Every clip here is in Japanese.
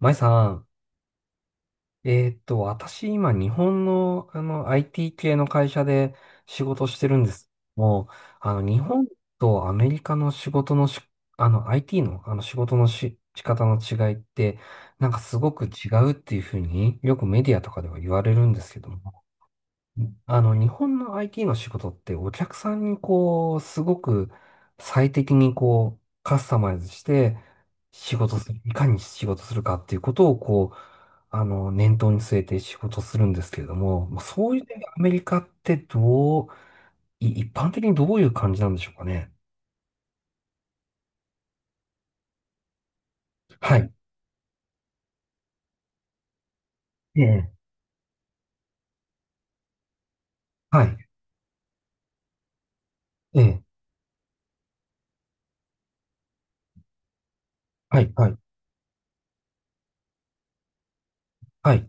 まいさん、私今日本の、IT 系の会社で仕事してるんですけども、日本とアメリカの仕事のし、あの IT の、仕方の違いって、なんかすごく違うっていうふうによくメディアとかでは言われるんですけども、日本の IT の仕事ってお客さんにこう、すごく最適にこう、カスタマイズして仕事する、いかに仕事するかっていうことをこう、念頭に据えて仕事するんですけれども、まあそういう点でアメリカってどう、一般的にどういう感じなんでしょうかね。はい。ええ。はい。ええ。はい。はい。はい。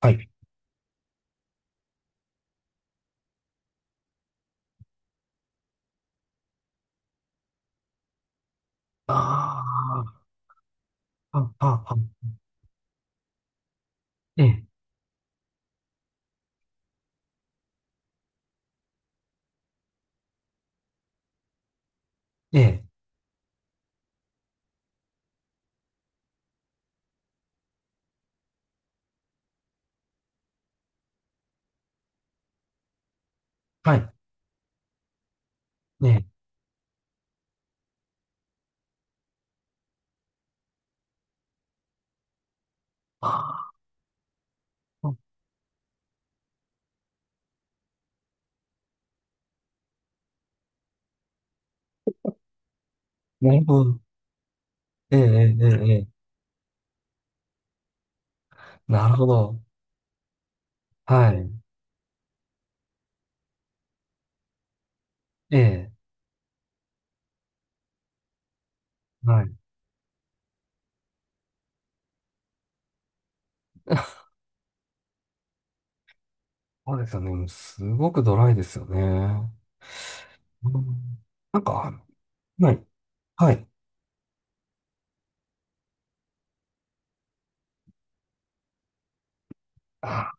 はい。ああ、あ、あ、あ、ええ。ええ。はい。ええ。ああ、なるほど。ええ、ええ、ええ。ええ、なるほど。はい。ええ、はい。そうですよね。すごくドライですよね。うん、なんか、はい。はい。あ、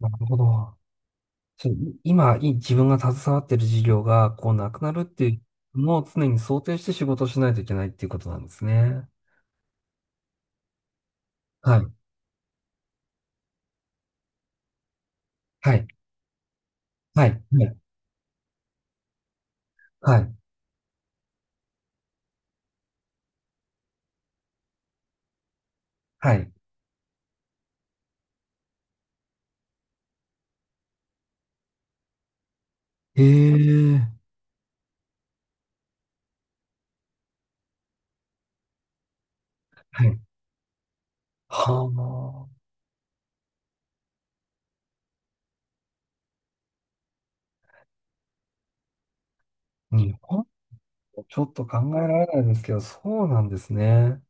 なるほど。そう、今、自分が携わっている事業が、こう、なくなるっていうのを常に想定して仕事をしないといけないっていうことなんですね。はい。はい。はい。はい。はい。はい。ええ、はい。はあ、日本、ちょっと考えられないですけど、そうなんですね。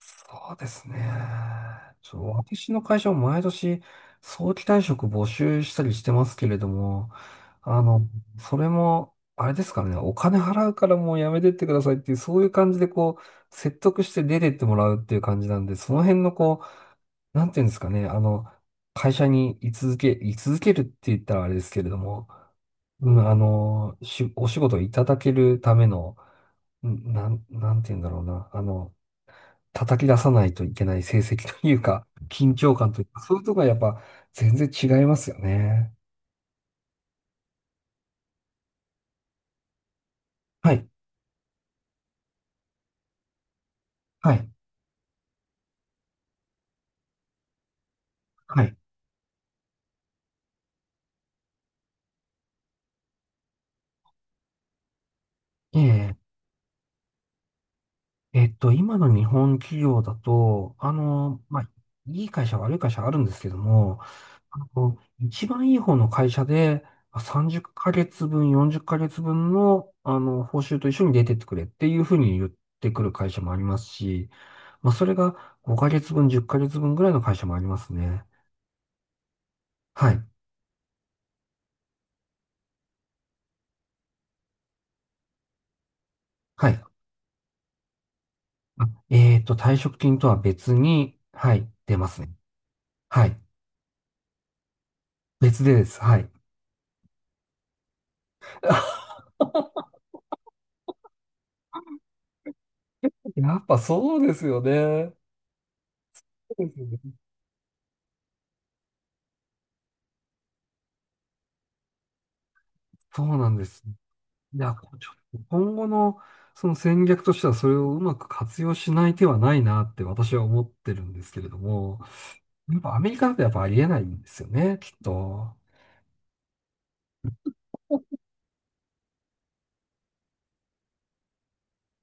そうですね。私の会社も毎年早期退職募集したりしてますけれども、あの、それも、あれですからね、お金払うからもうやめてってくださいっていう、そういう感じでこう、説得して出てってもらうっていう感じなんで、その辺のこう、なんていうんですかね、会社に居続けるって言ったらあれですけれども、うん、お仕事をいただけるための、なんて言うんだろうな。叩き出さないといけない成績というか、緊張感というか、そういうところがやっぱ全然違いますよね。はい、はい、はい。ええ、今の日本企業だと、まあ、いい会社、悪い会社あるんですけども、一番いい方の会社で、まあ30ヶ月分、40ヶ月分の、報酬と一緒に出てってくれっていうふうに言ってくる会社もありますし、まあ、それが5ヶ月分、10ヶ月分ぐらいの会社もありますね。はい。はい。あ、退職金とは別に、はい、出ますね。はい。別でです。はい。やっぱそうですよね。そうですよね。そうなんです。いや、こうちょっと今後のその戦略としてはそれをうまく活用しない手はないなって私は思ってるんですけれども、やっぱアメリカだとやっぱありえないんですよね、きっと。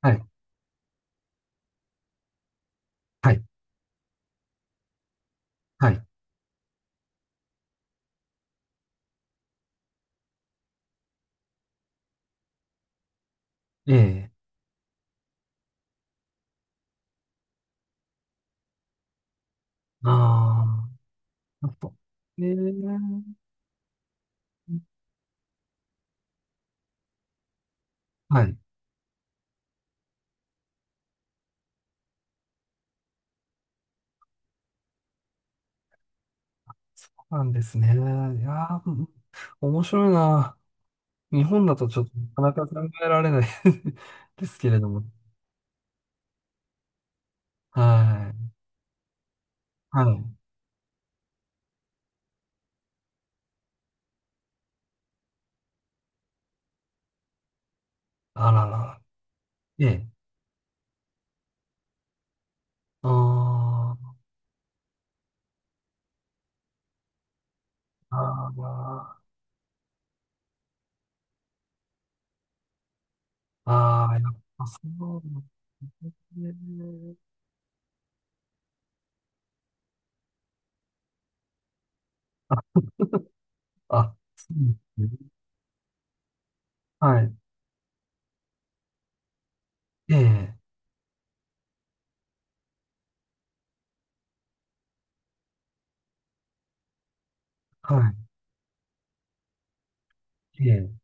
はい、はい、はい。ええ、ああ、やっぱ、ええ、はい。そうなんですね。いやー、うん、面白いな。日本だとちょっとなかなか考えられない ですけれども。はい。はい。あらら。ええ。あー、あー、ああ、やっぱそうなんですね。あ、あ、そうですね。はい。ええ。はい。ええ。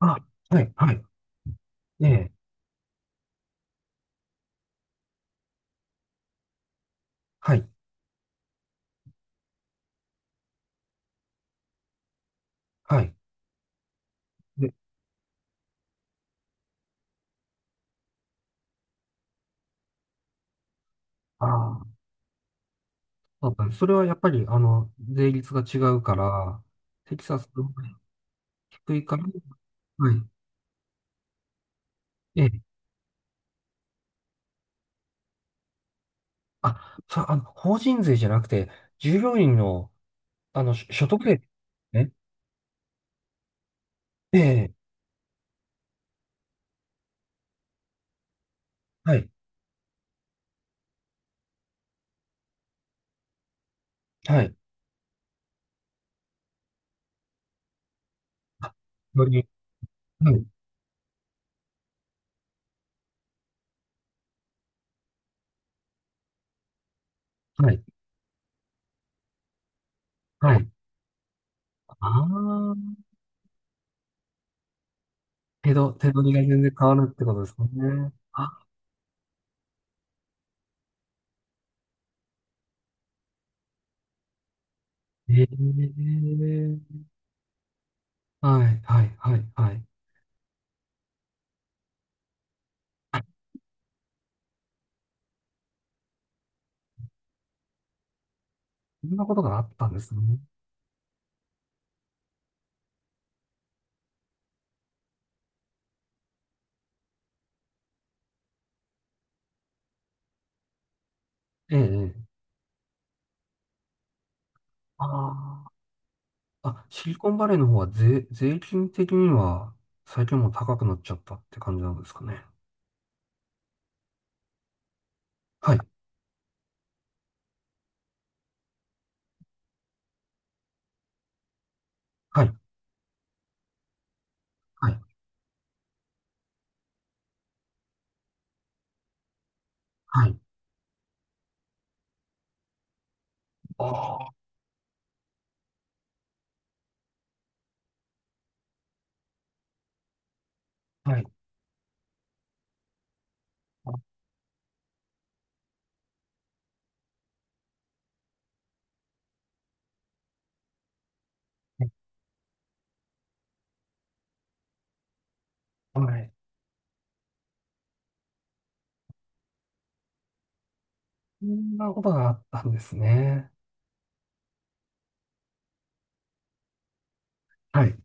あ、はい。はい。ええ。はい。はい。で、ああ、そうだね。それはやっぱり、税率が違うから、テキサスの方が低いから、はい。ええ。あ、そう、法人税じゃなくて、従業員の、所得税ね。ええ、はい、はい。あ、より、はい、はい、はい。ああ、手取りが全然変わるってことですね。あ、ええ、はい、はい、はい、はい。そんなことがあったんですね。ええ、ええ、ああ、あ、シリコンバレーの方は税金的には最近もう高くなっちゃったって感じなんですかね。はい、はい、はい、はい。ああ。はい、はい。そんなことがあったんですね。はい。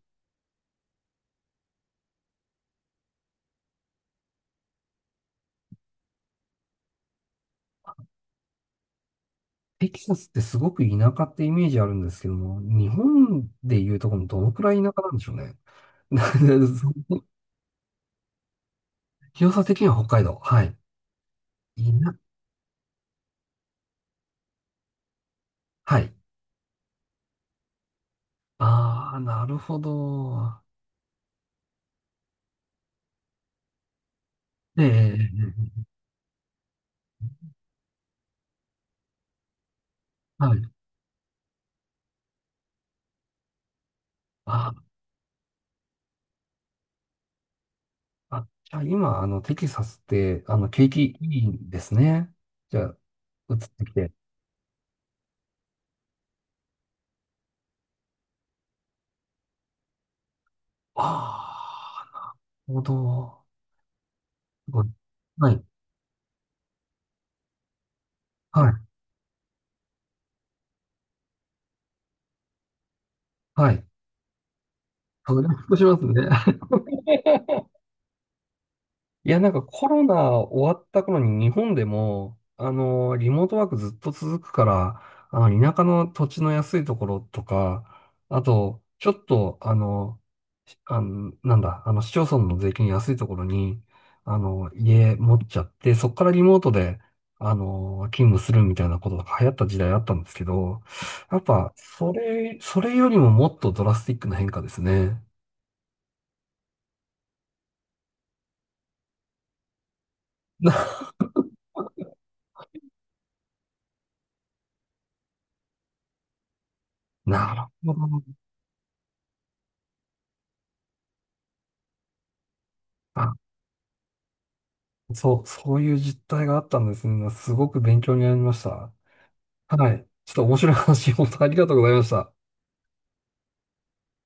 テキサスってすごく田舎ってイメージあるんですけども、日本でいうとこのどのくらい田舎なんでしょうね。な 広さ的には北海道。はい。いな、はい。ああ、なるほど。ええ、ええ、ええ、はい。ああ、じゃあ今、テキサスって、景気いいんですね。じゃあ、移ってきて。ああ、なるほど。すごい。はい。はい。はい。ほっとしますね。いや、なんかコロナ終わった頃に日本でも、リモートワークずっと続くから、田舎の土地の安いところとか、あと、ちょっと、あの、しあの、なんだ、市町村の税金安いところに、家持っちゃって、そこからリモートで、勤務するみたいなことが流行った時代あったんですけど、やっぱ、それよりももっとドラスティックな変化ですね。なるほど。そう、そういう実態があったんですね。すごく勉強になりました。はい。ちょっと面白い話、本当ありがとうございました。